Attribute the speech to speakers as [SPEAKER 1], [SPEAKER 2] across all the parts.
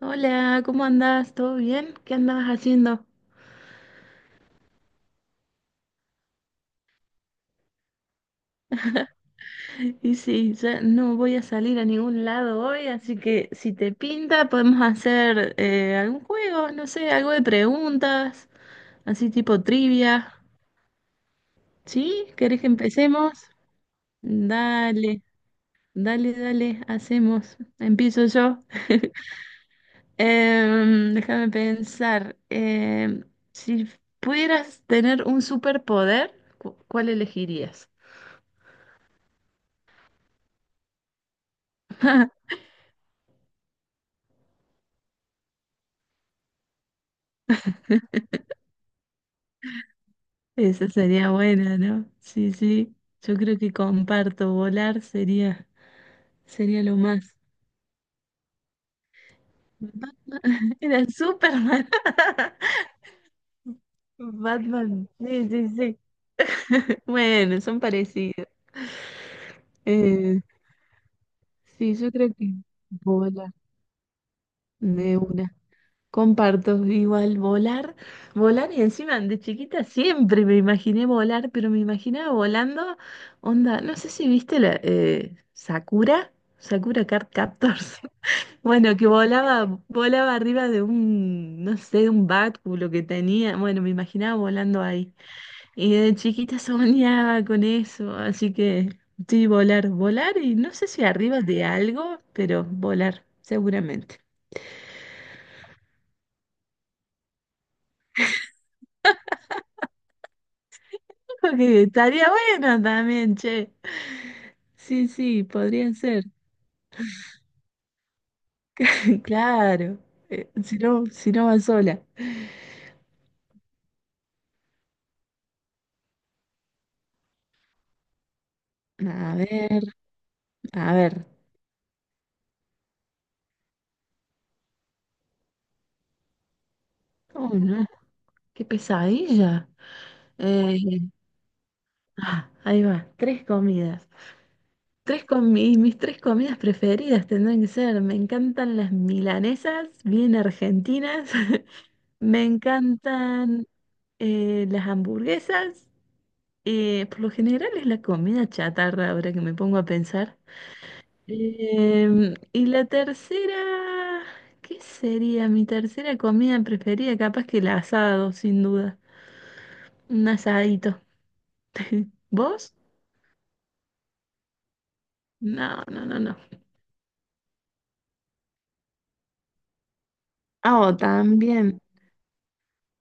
[SPEAKER 1] Hola, ¿cómo andás? ¿Todo bien? ¿Qué andabas haciendo? Y sí, ya no voy a salir a ningún lado hoy, así que si te pinta podemos hacer algún juego, no sé, algo de preguntas, así tipo trivia. ¿Sí? ¿Querés que empecemos? Dale, dale, dale, hacemos. Empiezo yo. Déjame pensar. Si pudieras tener un superpoder, ¿cuál elegirías? Esa sería buena, ¿no? Sí, sí. Yo creo que comparto, volar sería lo más. Batman, era Superman. Batman, sí, sí, sí. Bueno, son parecidos. Eh, sí, yo creo que volar de una. Comparto igual volar, volar y encima de chiquita siempre me imaginé volar, pero me imaginaba volando, onda, no sé si viste la Sakura, Sakura Card Captors. Bueno, que volaba, volaba arriba de un, no sé, de un báculo que tenía. Bueno, me imaginaba volando ahí. Y de chiquita soñaba con eso, así que sí, volar, volar y no sé si arriba de algo, pero volar, seguramente. Porque estaría bueno también, che. Sí, sí, podría ser. Claro, si no, si no va sola. A ver, a ver. Oh, no, qué pesadilla. Eh, Ah, ahí va, tres comidas. Mis tres comidas preferidas tendrán que ser, me encantan las milanesas, bien argentinas, me encantan las hamburguesas, por lo general es la comida chatarra ahora que me pongo a pensar. Y la tercera, ¿qué sería mi tercera comida preferida? Capaz que el asado, sin duda, un asadito. ¿Vos? No, no, no, no. Ah, oh, también.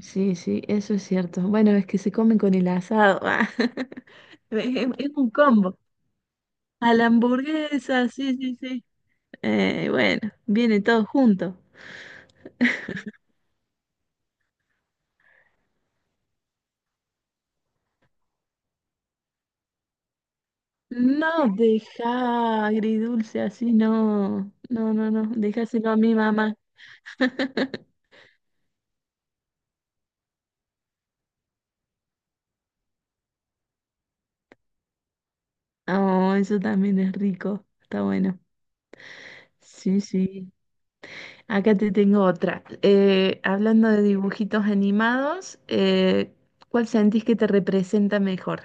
[SPEAKER 1] Sí, sí, eso es cierto. Bueno, es que se comen con el asado. Ah. Es un combo. A la hamburguesa, sí, sí, sí. Bueno, viene todo junto. No deja agridulce así, no. No, no, no. Dejáselo a mi mamá. Oh, eso también es rico. Está bueno. Sí, sí. Acá te tengo otra. Hablando de dibujitos animados, ¿cuál sentís que te representa mejor?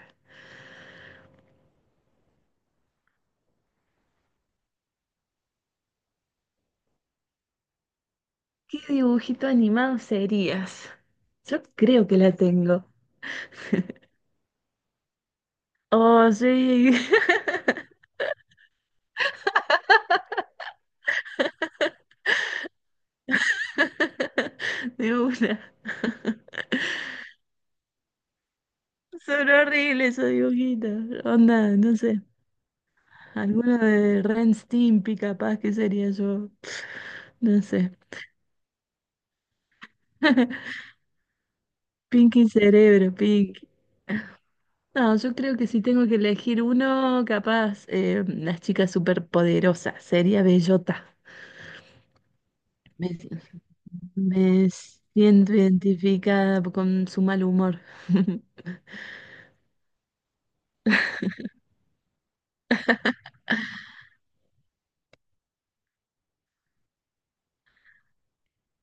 [SPEAKER 1] ¿Qué dibujito animado serías? Yo creo que la tengo. Oh, sí. De una. Son horribles esos dibujitos. Onda, no sé. Alguno de Ren Stimpy capaz que sería yo. No sé. Pinky Cerebro, Pinky. No, yo creo que si tengo que elegir uno, capaz, las chicas superpoderosas, sería Bellota. Me, me siento identificada con su mal humor.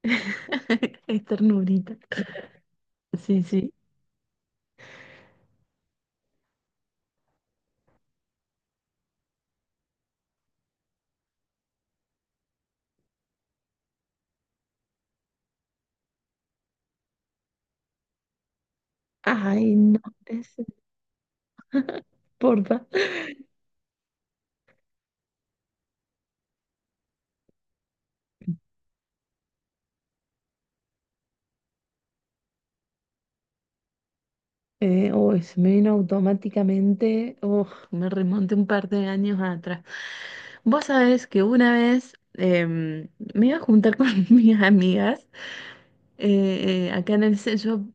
[SPEAKER 1] Es ternurita. Sí, sí. Ay, no, es porfa. Uy, se me vino automáticamente. Uf, me remonté un par de años atrás. Vos sabés que una vez me iba a juntar con mis amigas acá en el centro.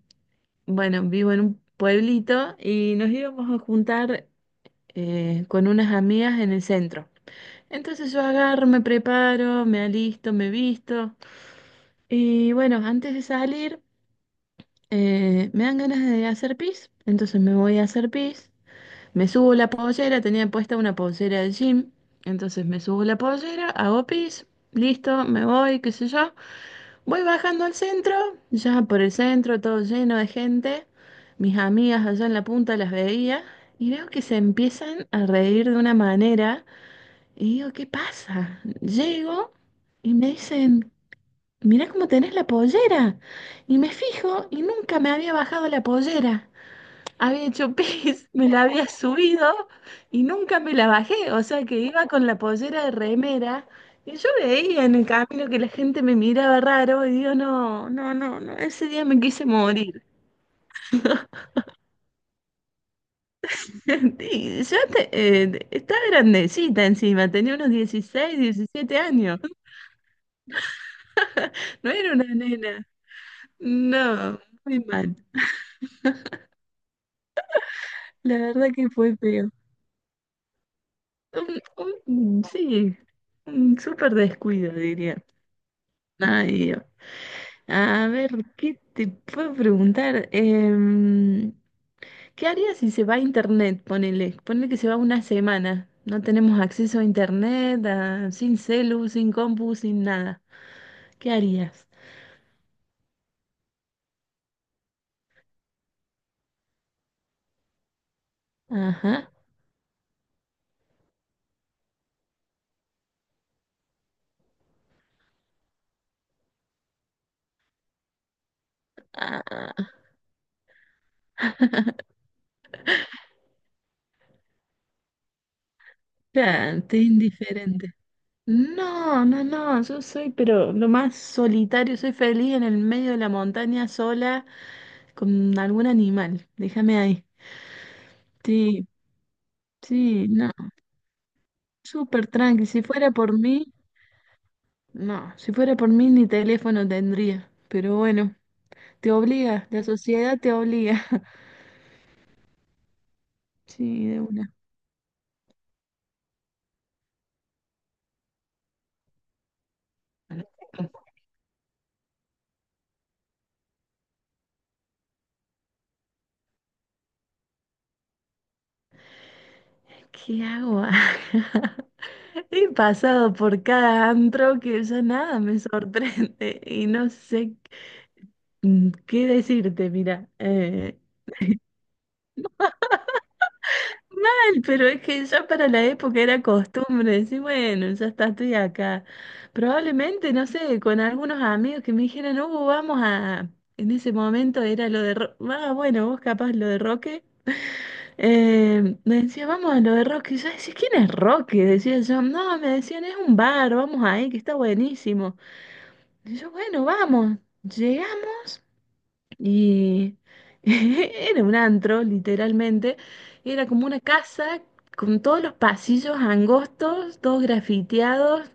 [SPEAKER 1] Bueno, vivo en un pueblito y nos íbamos a juntar con unas amigas en el centro. Entonces yo agarro, me preparo, me alisto, me visto. Y bueno, antes de salir, me dan ganas de hacer pis, entonces me voy a hacer pis. Me subo la pollera, tenía puesta una pollera de gym, entonces me subo la pollera, hago pis, listo, me voy, qué sé yo. Voy bajando al centro, ya por el centro, todo lleno de gente. Mis amigas allá en la punta las veía y veo que se empiezan a reír de una manera y digo, ¿qué pasa? Llego. Y me dicen, mira cómo tenés la pollera. Y me fijo y nunca me había bajado la pollera. Había hecho pis, me la había subido y nunca me la bajé. O sea que iba con la pollera de remera y yo veía en el camino que la gente me miraba raro y digo, no, no, no, no, ese día me quise morir. Estaba grandecita encima, tenía unos 16, 17 años. No era una nena. No, muy mal. La verdad que fue feo. Un- sí, un súper descuido, diría. Ay, Dios. A ver, ¿qué te puedo preguntar? ¿Qué harías si se va a internet? Ponele que se va una semana. No tenemos acceso a internet, sin celu, sin compu, sin nada. ¿Qué harías? Ajá. Ah, claro, te indiferente. No, no, no, yo soy, pero lo más solitario, soy feliz en el medio de la montaña sola. Con algún animal. Déjame ahí. Sí, sí, no. Súper tranqui. Si fuera por mí, no. Si fuera por mí, ni teléfono tendría. Pero bueno, te obliga. La sociedad te obliga. Sí, de una. ¿Qué hago acá? He pasado por cada antro que ya nada me sorprende y no sé qué decirte, mira. Mal, pero es que ya para la época era costumbre decir, bueno, ya está, estoy acá. Probablemente, no sé, con algunos amigos que me dijeron, vamos a. En ese momento era lo de. Ah, bueno, vos capaz lo de Roque. Me decía, vamos a lo de Roque. Y yo decía, ¿quién es Roque? Decía yo, no, me decían, es un bar, vamos ahí, que está buenísimo. Y yo, bueno, vamos. Llegamos. Y era un antro, literalmente. Era como una casa con todos los pasillos angostos, todos grafiteados,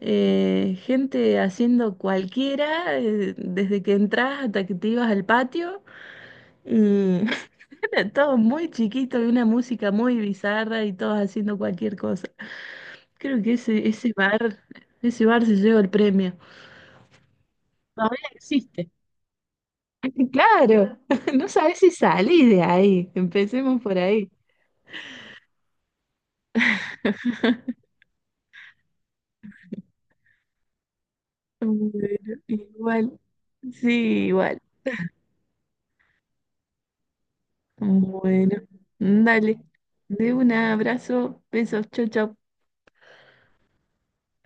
[SPEAKER 1] gente haciendo cualquiera, desde que entras hasta que te ibas al patio. Y era todo muy chiquito y una música muy bizarra y todos haciendo cualquier cosa. Creo que ese bar se lleva el premio. Todavía existe. Claro, no sabes si salís de ahí. Empecemos por ahí. Bueno, igual, sí, igual. Bueno, dale. De un abrazo, besos, chau, chau.